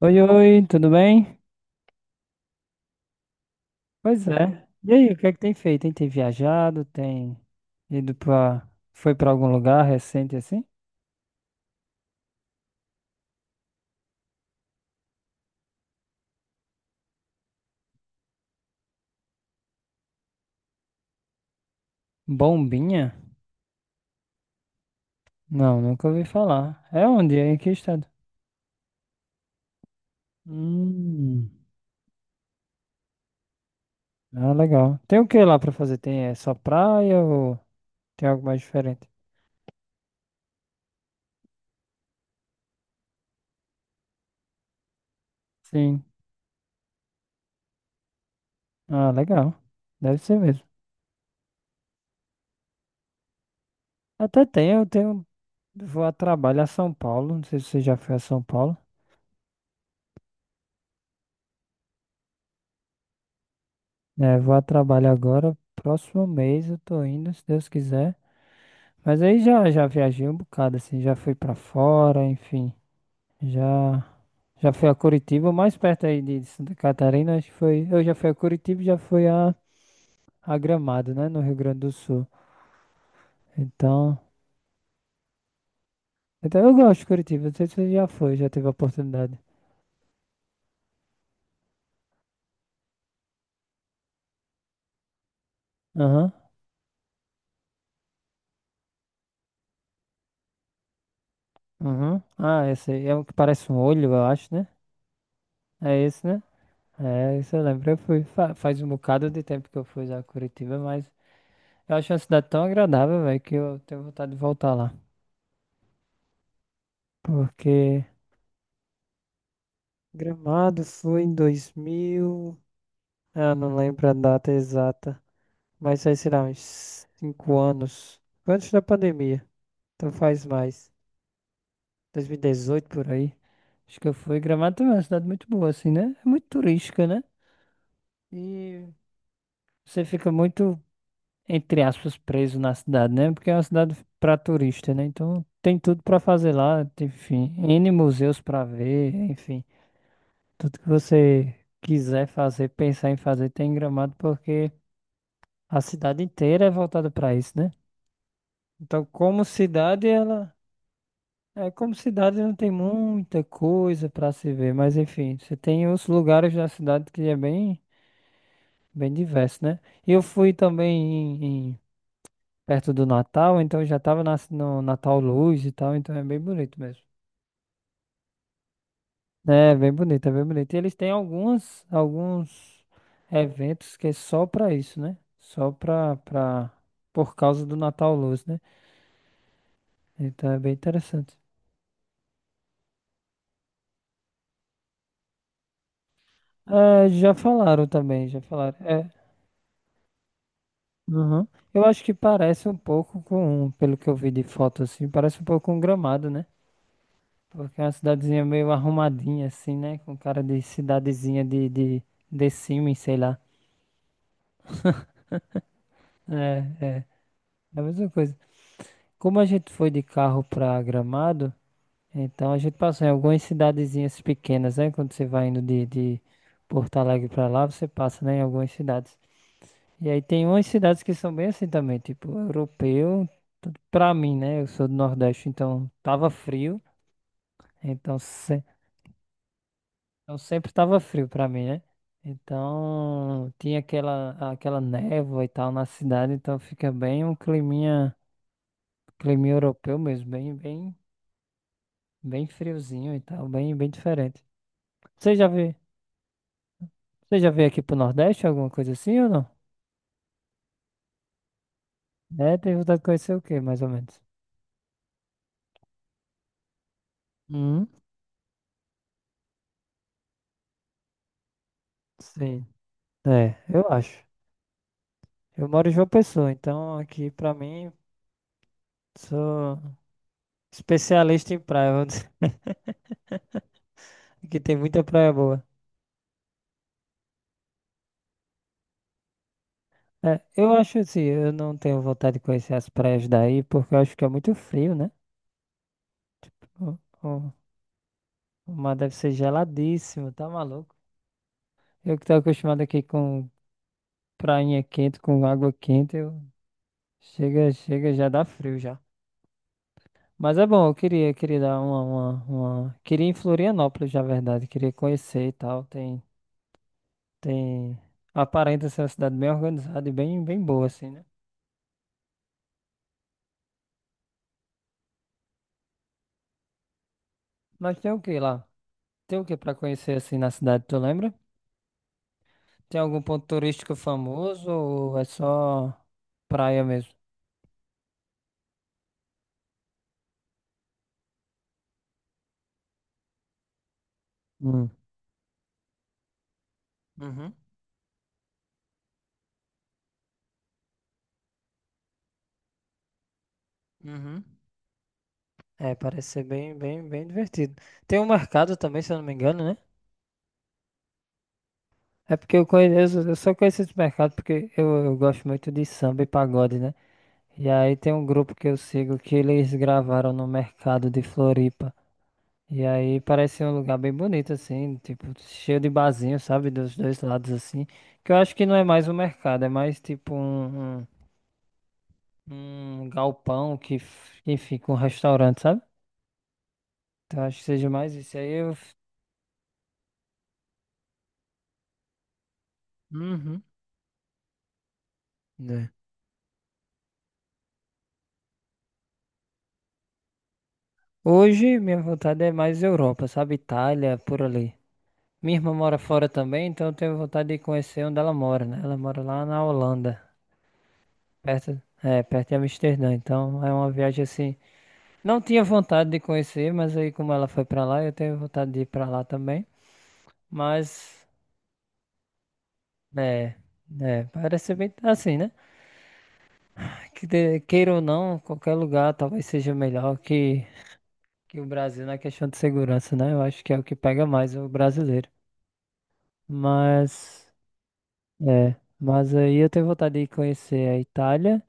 Oi, oi, tudo bem? Pois é. E aí, o que é que tem feito, hein? Tem viajado, tem ido pra... Foi pra algum lugar recente assim? Bombinha? Não, nunca ouvi falar. É onde? É em que estado? Hum, ah, legal. Tem o que lá pra fazer? Tem é só praia ou tem algo mais diferente? Sim. Ah, legal. Deve ser mesmo. Até tem, eu tenho... Vou a trabalho a São Paulo, não sei se você já foi a São Paulo. É, vou a trabalho agora. Próximo mês eu tô indo, se Deus quiser. Mas aí já viajei um bocado, assim, já fui pra fora, enfim. Já, já fui a Curitiba, mais perto aí de Santa Catarina, acho que foi. Eu já fui a Curitiba e já fui a Gramado, né, no Rio Grande do Sul. Então, então eu gosto de Curitiba, não sei se você já foi, já teve a oportunidade. Aham, aham. Ah, esse aí é o que parece um olho, eu acho, né? É esse, né? É, isso eu lembro. Eu fui, faz um bocado de tempo que eu fui a Curitiba, mas eu acho uma cidade tão agradável, velho, que eu tenho vontade de voltar lá. Porque Gramado foi em 2000, ah, não lembro a data exata. Mas aí, sei lá, uns 5 anos. Foi antes da pandemia. Então faz mais. 2018 por aí. Acho que eu fui. Gramado também é uma cidade muito boa, assim, né? É muito turística, né? E você fica muito, entre aspas, preso na cidade, né? Porque é uma cidade pra turista, né? Então tem tudo pra fazer lá. Enfim, N museus pra ver, enfim. Tudo que você quiser fazer, pensar em fazer, tem em Gramado, porque a cidade inteira é voltada para isso, né? Então, como cidade, ela. É, como cidade não tem muita coisa para se ver, mas enfim, você tem os lugares da cidade que é bem, bem diverso, né? E eu fui também em- em- perto do Natal, então eu já estava no Natal Luz e tal, então é bem bonito mesmo. É bem bonito, é bem bonito. E eles têm algumas, alguns eventos que é só pra isso, né? Só pra, pra, por causa do Natal Luz, né? Então é bem interessante. É, já falaram também, já falaram. É, uhum. Eu acho que parece um pouco com, pelo que eu vi de foto assim, parece um pouco com Gramado, né? Porque é uma cidadezinha meio arrumadinha assim, né? Com cara de cidadezinha de Sims, sei lá. É, é, é a mesma coisa. Como a gente foi de carro pra Gramado, então a gente passou em algumas cidadezinhas pequenas, né? Quando você vai indo de Porto Alegre pra lá, você passa, né, em algumas cidades. E aí tem umas cidades que são bem assim também, tipo europeu. Pra mim, né? Eu sou do Nordeste, então tava frio. Então, se- Então sempre tava frio pra mim, né? Então tinha aquela, aquela névoa e tal na cidade, então fica bem um climinha, climinha europeu mesmo, bem, bem, bem friozinho e tal, bem, bem diferente. Você já viu? Você já veio aqui pro Nordeste, alguma coisa assim ou não? É, tem vontade de conhecer o quê, mais ou menos? Hum, sim. É, eu acho. Eu moro em João Pessoa, então aqui pra mim sou especialista em praia. Vamos dizer. Aqui tem muita praia boa. É, eu acho assim, eu não tenho vontade de conhecer as praias daí, porque eu acho que é muito frio, né? Tipo, o mar deve ser geladíssimo, tá maluco? Eu que tô acostumado aqui com prainha quente, com água quente, eu chega, chega, já dá frio já. Mas é bom, eu queria, queria dar uma, queria ir em Florianópolis, na verdade, queria conhecer e tal. Tem, tem... Aparenta ser uma cidade bem organizada e bem, bem boa, assim, né? Mas tem o que lá? Tem o que pra conhecer, assim, na cidade, tu lembra? Tem algum ponto turístico famoso ou é só praia mesmo? Hum. Uhum, uhum. É, parece ser bem, bem, bem divertido. Tem um mercado também, se eu não me engano, né? É porque eu conheço, eu só conheço esse mercado porque eu gosto muito de samba e pagode, né? E aí tem um grupo que eu sigo que eles gravaram no mercado de Floripa. E aí parece um lugar bem bonito, assim, tipo, cheio de barzinho, sabe? Dos dois lados, assim. Que eu acho que não é mais um mercado, é mais tipo um, um, um galpão que, que fica um restaurante, sabe? Então acho que seja mais isso. Aí eu. Uhum. Né. Hoje minha vontade é mais Europa, sabe? Itália, por ali. Minha irmã mora fora também, então eu tenho vontade de conhecer onde ela mora, né? Ela mora lá na Holanda. Perto, é, perto em Amsterdã, então é uma viagem assim. Não tinha vontade de conhecer, mas aí como ela foi pra lá, eu tenho vontade de ir pra lá também. Mas, é, é, parece ser bem assim, né? Que de- queira ou não, qualquer lugar talvez seja melhor que o Brasil na questão de segurança, né? Eu acho que é o que pega mais o brasileiro. Mas, é, mas aí eu tenho vontade de conhecer a Itália.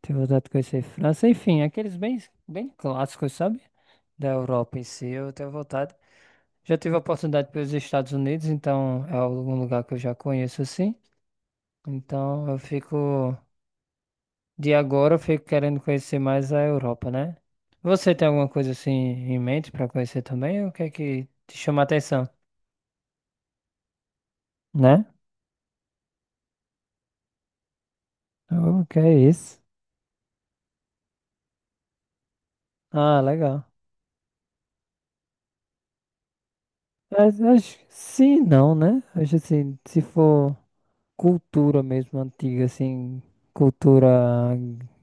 Ter vontade de conhecer França, enfim, aqueles bem, bem clássicos, sabe? Da Europa em si, eu tenho vontade. Já tive a oportunidade pelos Estados Unidos, então é algum lugar que eu já conheço assim. Então eu fico, de agora eu fico querendo conhecer mais a Europa, né? Você tem alguma coisa assim em mente para conhecer também? O que é que te chama a atenção, né? O que é isso? Ah, legal. Mas acho que sim, não, né? Acho assim, se for cultura mesmo antiga, assim, cultura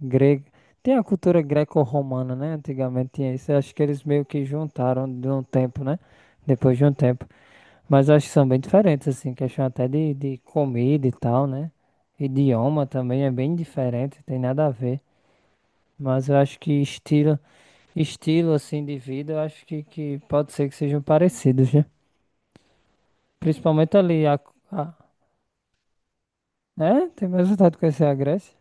grega. Tem a cultura greco-romana, né? Antigamente tinha isso. Eu acho que eles meio que juntaram de um tempo, né? Depois de um tempo. Mas eu acho que são bem diferentes, assim, questão até de comida e tal, né? Idioma também é bem diferente, tem nada a ver. Mas eu acho que estilo, estilo assim de vida, eu acho que pode ser que sejam parecidos, né? Principalmente ali a... É? Tem mais vontade de conhecer a Grécia?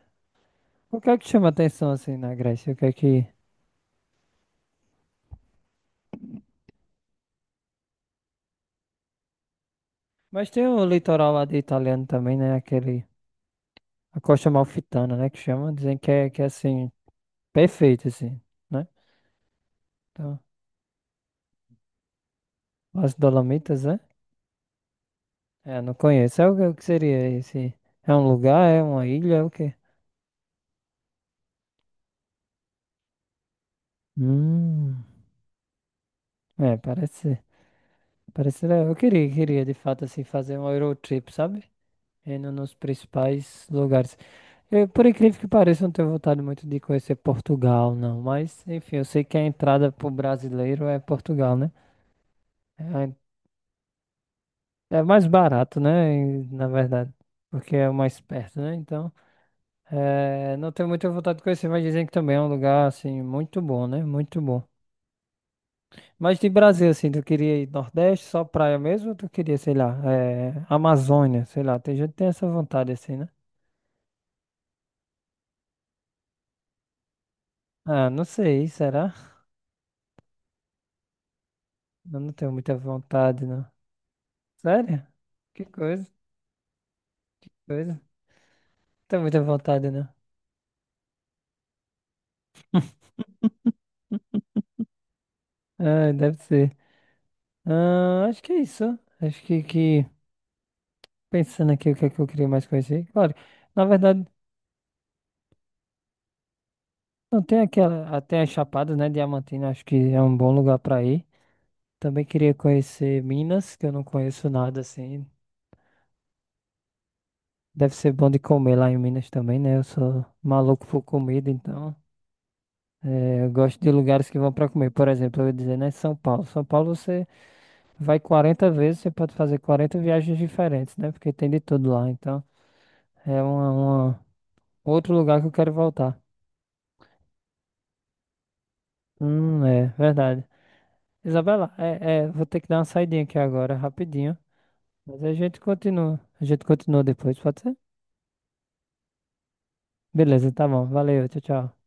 O que é que chama atenção assim na Grécia? O que é que. Mas tem o litoral lá de italiano também, né? Aquele. A Costa Amalfitana, né? Que chama. Dizem que é assim. Perfeito, assim. Né? Então, as Dolomitas, né? É, não conheço. É o que seria esse? É um lugar? É uma ilha? É o quê? Hum. É, parece. Parece. Eu queria, queria de fato, assim, fazer um Eurotrip, sabe? Indo nos principais lugares. Eu, por incrível que pareça, não tenho vontade muito de conhecer Portugal, não. Mas, enfim, eu sei que a entrada pro brasileiro é Portugal, né? É, é mais barato, né? E, na verdade, porque é o mais perto, né? Então, é, não tenho muita vontade de conhecer, mas dizem que também é um lugar, assim, muito bom, né? Muito bom. Mas de Brasil, assim, tu queria ir Nordeste, só praia mesmo? Ou tu queria, sei lá, é, Amazônia, sei lá. Tem gente que tem essa vontade, assim, né? Ah, não sei, será? Eu não tenho muita vontade, não. Sério? Que coisa. Coisa? Tá muita vontade, né? Ah, deve ser. Ah, acho que é isso. Acho que pensando aqui o que é que eu queria mais conhecer. Claro, na verdade, não tem aquela. Até as Chapadas, né? Diamantina, acho que é um bom lugar pra ir. Também queria conhecer Minas, que eu não conheço nada assim. Deve ser bom de comer lá em Minas também, né? Eu sou maluco por comida, então. É, eu gosto de lugares que vão para comer. Por exemplo, eu ia dizer, né, São Paulo. São Paulo você vai 40 vezes, você pode fazer 40 viagens diferentes, né? Porque tem de tudo lá. Então, é uma, outro lugar que eu quero voltar. É verdade. Isabela, é, é, vou ter que dar uma saidinha aqui agora, rapidinho. Mas a gente continua. A gente continua depois, pode ser? Beleza, tá bom. Valeu, tchau, tchau.